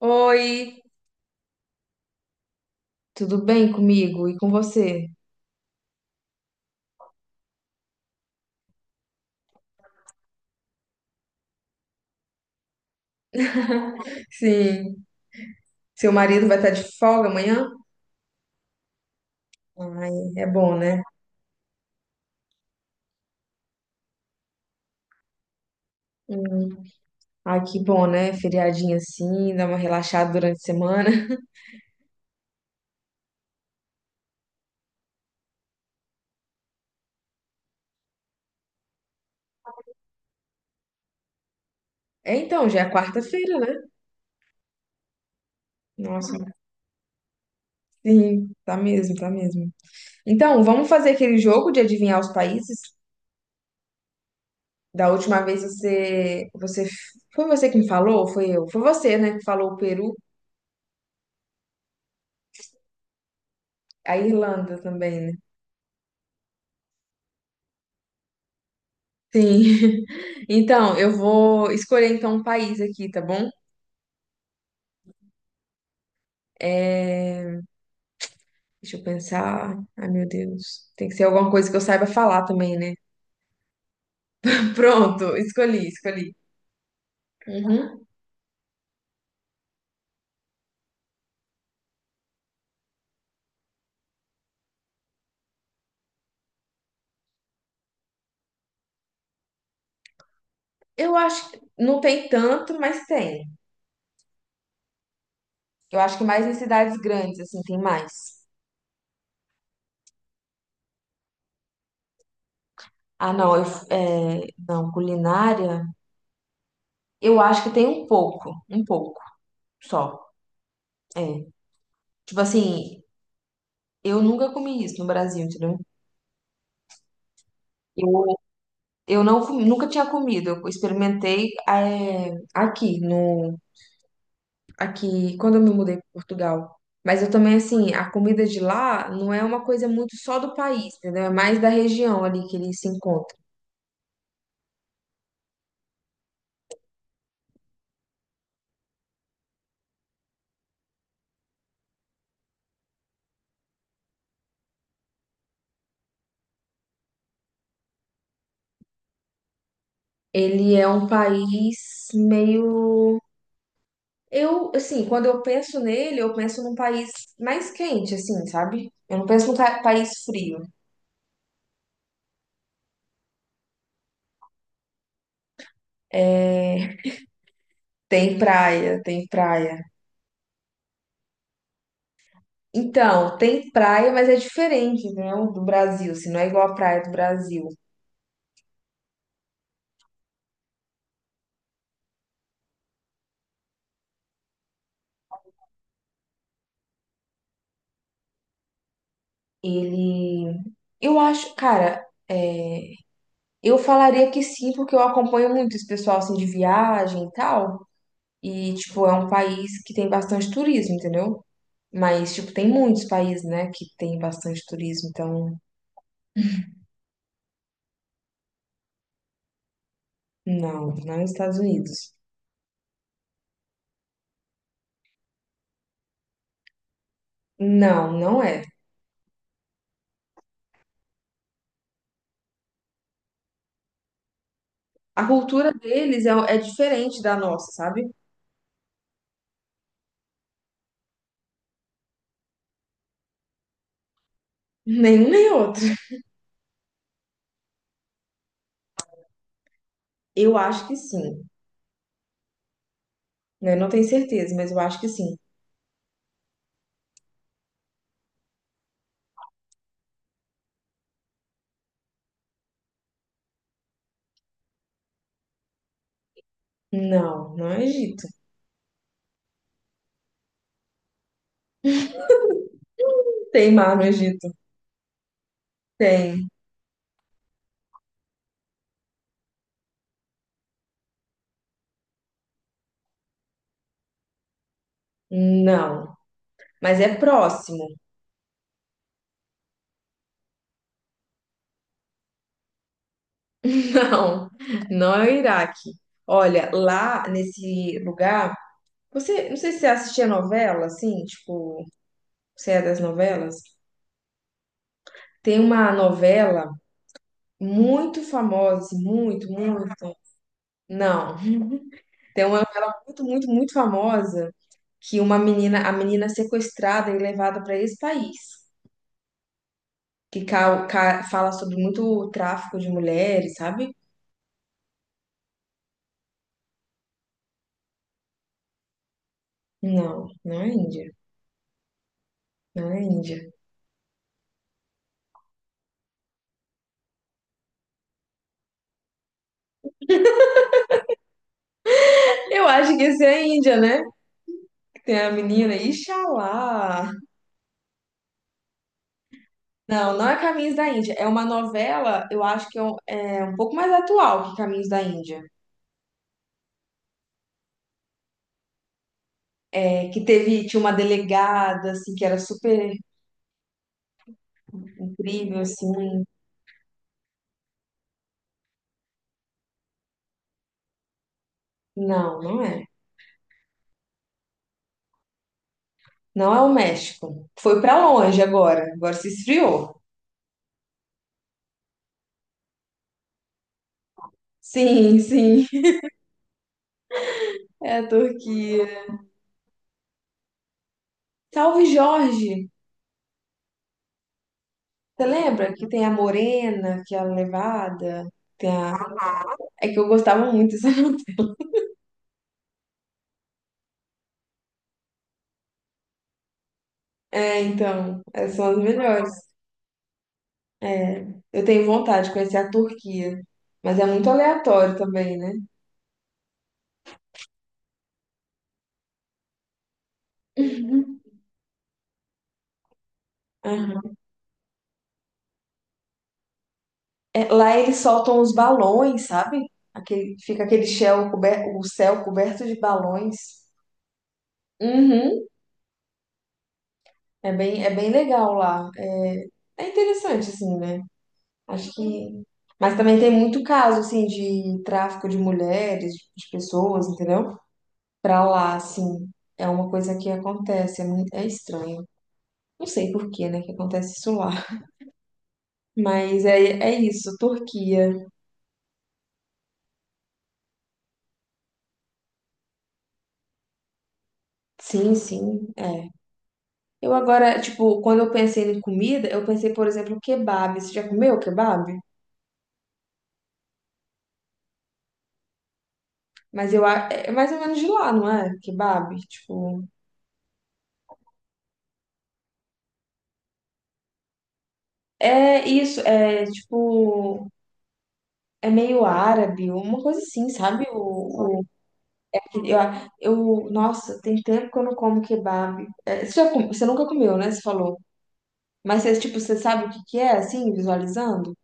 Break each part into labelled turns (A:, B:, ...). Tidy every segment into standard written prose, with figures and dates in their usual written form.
A: Oi, tudo bem comigo e com você? Sim. Seu marido vai estar de folga amanhã? Ai, é bom, né? Hum. Ai, que bom, né? Feriadinho assim, dá uma relaxada durante a semana. É então, já é quarta-feira, né? Nossa, sim, tá mesmo, tá mesmo. Então, vamos fazer aquele jogo de adivinhar os países? Da última vez você, foi você que me falou, ou foi eu? Foi você, né, que falou o Peru, a Irlanda também, né? Sim. Então, eu vou escolher então um país aqui, tá bom? É, Deixa eu pensar. Ai, meu Deus. Tem que ser alguma coisa que eu saiba falar também, né? Pronto, escolhi. Uhum. Eu acho que não tem tanto, mas tem. Eu acho que mais em cidades grandes, assim, tem mais. Ah, não, eu, não, culinária, eu acho que tem um pouco só. É. Tipo assim, eu nunca comi isso no Brasil, entendeu? Eu não comi- nunca tinha comido. Eu experimentei aqui no aqui quando eu me mudei para Portugal. Mas eu também assim, a comida de lá não é uma coisa muito só do país, entendeu? É mais da região ali que ele se encontra. Ele é um país meio, eu assim, quando eu penso nele, eu penso num país mais quente assim, sabe? Eu não penso num país frio. É, tem praia, tem praia. Então, tem praia, mas é diferente, né, o do Brasil, assim, não é igual a praia do Brasil. Ele, eu acho, cara, eu falaria que sim, porque eu acompanho muito esse pessoal, assim, de viagem e tal, e, tipo, é um país que tem bastante turismo, entendeu? Mas, tipo, tem muitos países, né, que tem bastante turismo, então, não, não é os Estados Unidos. Não, não é. A cultura deles é diferente da nossa, sabe? Nenhum nem outro. Eu acho que sim. Né? Não tenho certeza, mas eu acho que sim. Não, não é Egito. Tem mar no Egito? Tem. Não. Mas é próximo. Não, não é o Iraque. Olha, lá nesse lugar, você, não sei se você assistia novela, assim, tipo, você é das novelas? Tem uma novela muito famosa, assim, muito, muito. Não. Tem uma novela muito, muito, muito famosa que uma menina, a menina é sequestrada e levada para esse país, que fala sobre muito tráfico de mulheres, sabe? Não, não é Índia. Não é Índia. Eu acho que esse é a Índia, né? Que tem a menina, Ixalá. Não, não é Caminhos da Índia. É uma novela, eu acho que é um pouco mais atual que Caminhos da Índia. É, que teve, tinha uma delegada, assim, que era super incrível, assim. Não, não é. Não é o México. Foi pra longe agora. Agora se esfriou. Sim, sim. É a Turquia. Salve Jorge! Você lembra que tem a morena, que é a levada? Tem a... É que eu gostava muito dessa. É, então, essas são as melhores. É, eu tenho vontade de conhecer a Turquia, mas é muito aleatório também, né? Uhum. Aham. É, lá eles soltam os balões, sabe? Aquele, fica aquele céu coberto, o céu coberto de balões. Uhum. É bem legal lá. É interessante, assim, né? Acho que. Mas também tem muito caso, assim, de tráfico de mulheres, de pessoas, entendeu? Pra lá, assim. É uma coisa que acontece, é muito... é estranho. Não sei por que, né, que acontece isso lá. Mas é, é isso, Turquia. Sim, sim, é. Eu agora, tipo, quando eu pensei em comida, eu pensei, por exemplo, kebab. Você já comeu kebab? É mais ou menos de lá, não é? Kebab, tipo. É isso, é tipo. É meio árabe, uma coisa assim, sabe? Eu, nossa, tem tempo que eu não como kebab. É, você nunca comeu, né? Você falou. Mas você, tipo, você sabe o que que é, assim, visualizando?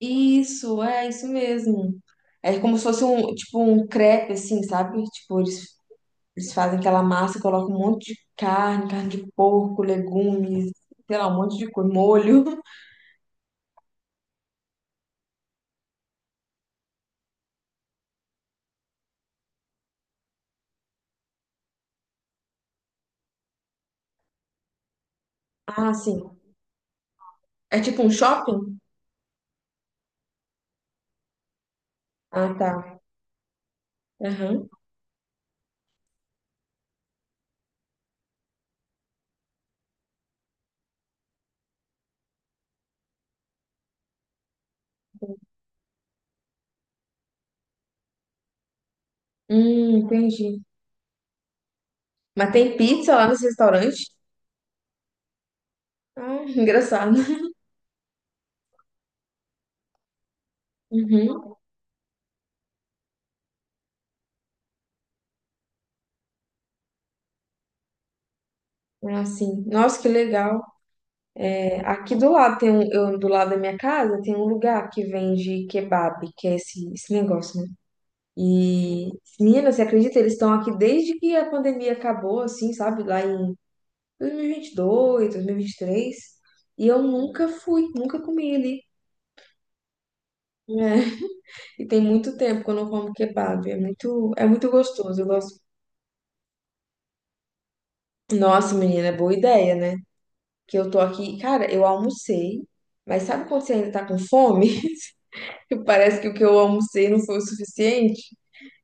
A: Isso, é isso mesmo. É como se fosse um, tipo, um crepe, assim, sabe? Tipo, eles fazem aquela massa, colocam um monte de carne, carne de porco, legumes, sei lá, um monte de coisa, molho. Ah, sim. É tipo um shopping? Ah, tá. Aham. Entendi. Mas tem pizza lá nesse restaurante? Ah, engraçado. Uhum. Ah, sim. Nossa, que legal. É, aqui do lado tem um, do lado da minha casa tem um lugar que vende kebab, que é esse, esse negócio, né? E, menina, você acredita? Eles estão aqui desde que a pandemia acabou, assim, sabe? Lá em 2022, 2023. E vinte e dois, dois mil e vinte e três. E eu nunca fui, nunca comi ali. Né? E tem muito tempo que eu não como kebab. É muito gostoso. Eu gosto. Nossa, menina, é boa ideia, né? Que eu tô aqui, cara, eu almocei, mas sabe quando você ainda tá com fome? Que parece que o que eu almocei não foi o suficiente.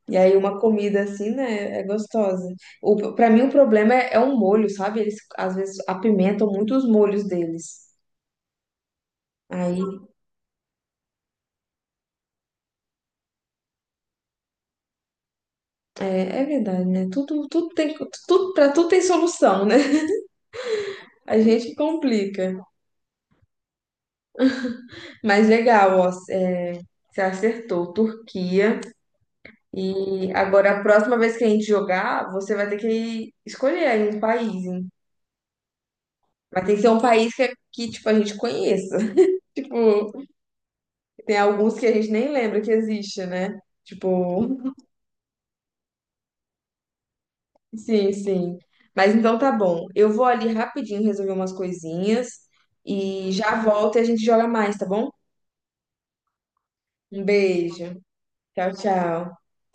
A: E aí uma comida assim, né, é gostosa. Para mim o problema é o molho, sabe? Eles às vezes apimentam muito os molhos deles. Aí é verdade, né? Para tudo tem solução, né? A gente que complica. Mas legal, ó, é, você acertou. Turquia. E agora, a próxima vez que a gente jogar, você vai ter que escolher aí um país, hein? Vai ter que ser um país que, é, que tipo, a gente conheça. Tipo, tem alguns que a gente nem lembra que existe, né? Tipo, sim, sim. Mas então tá bom. Eu vou ali rapidinho resolver umas coisinhas e já volto e a gente joga mais, tá bom? Um beijo. Tchau, tchau.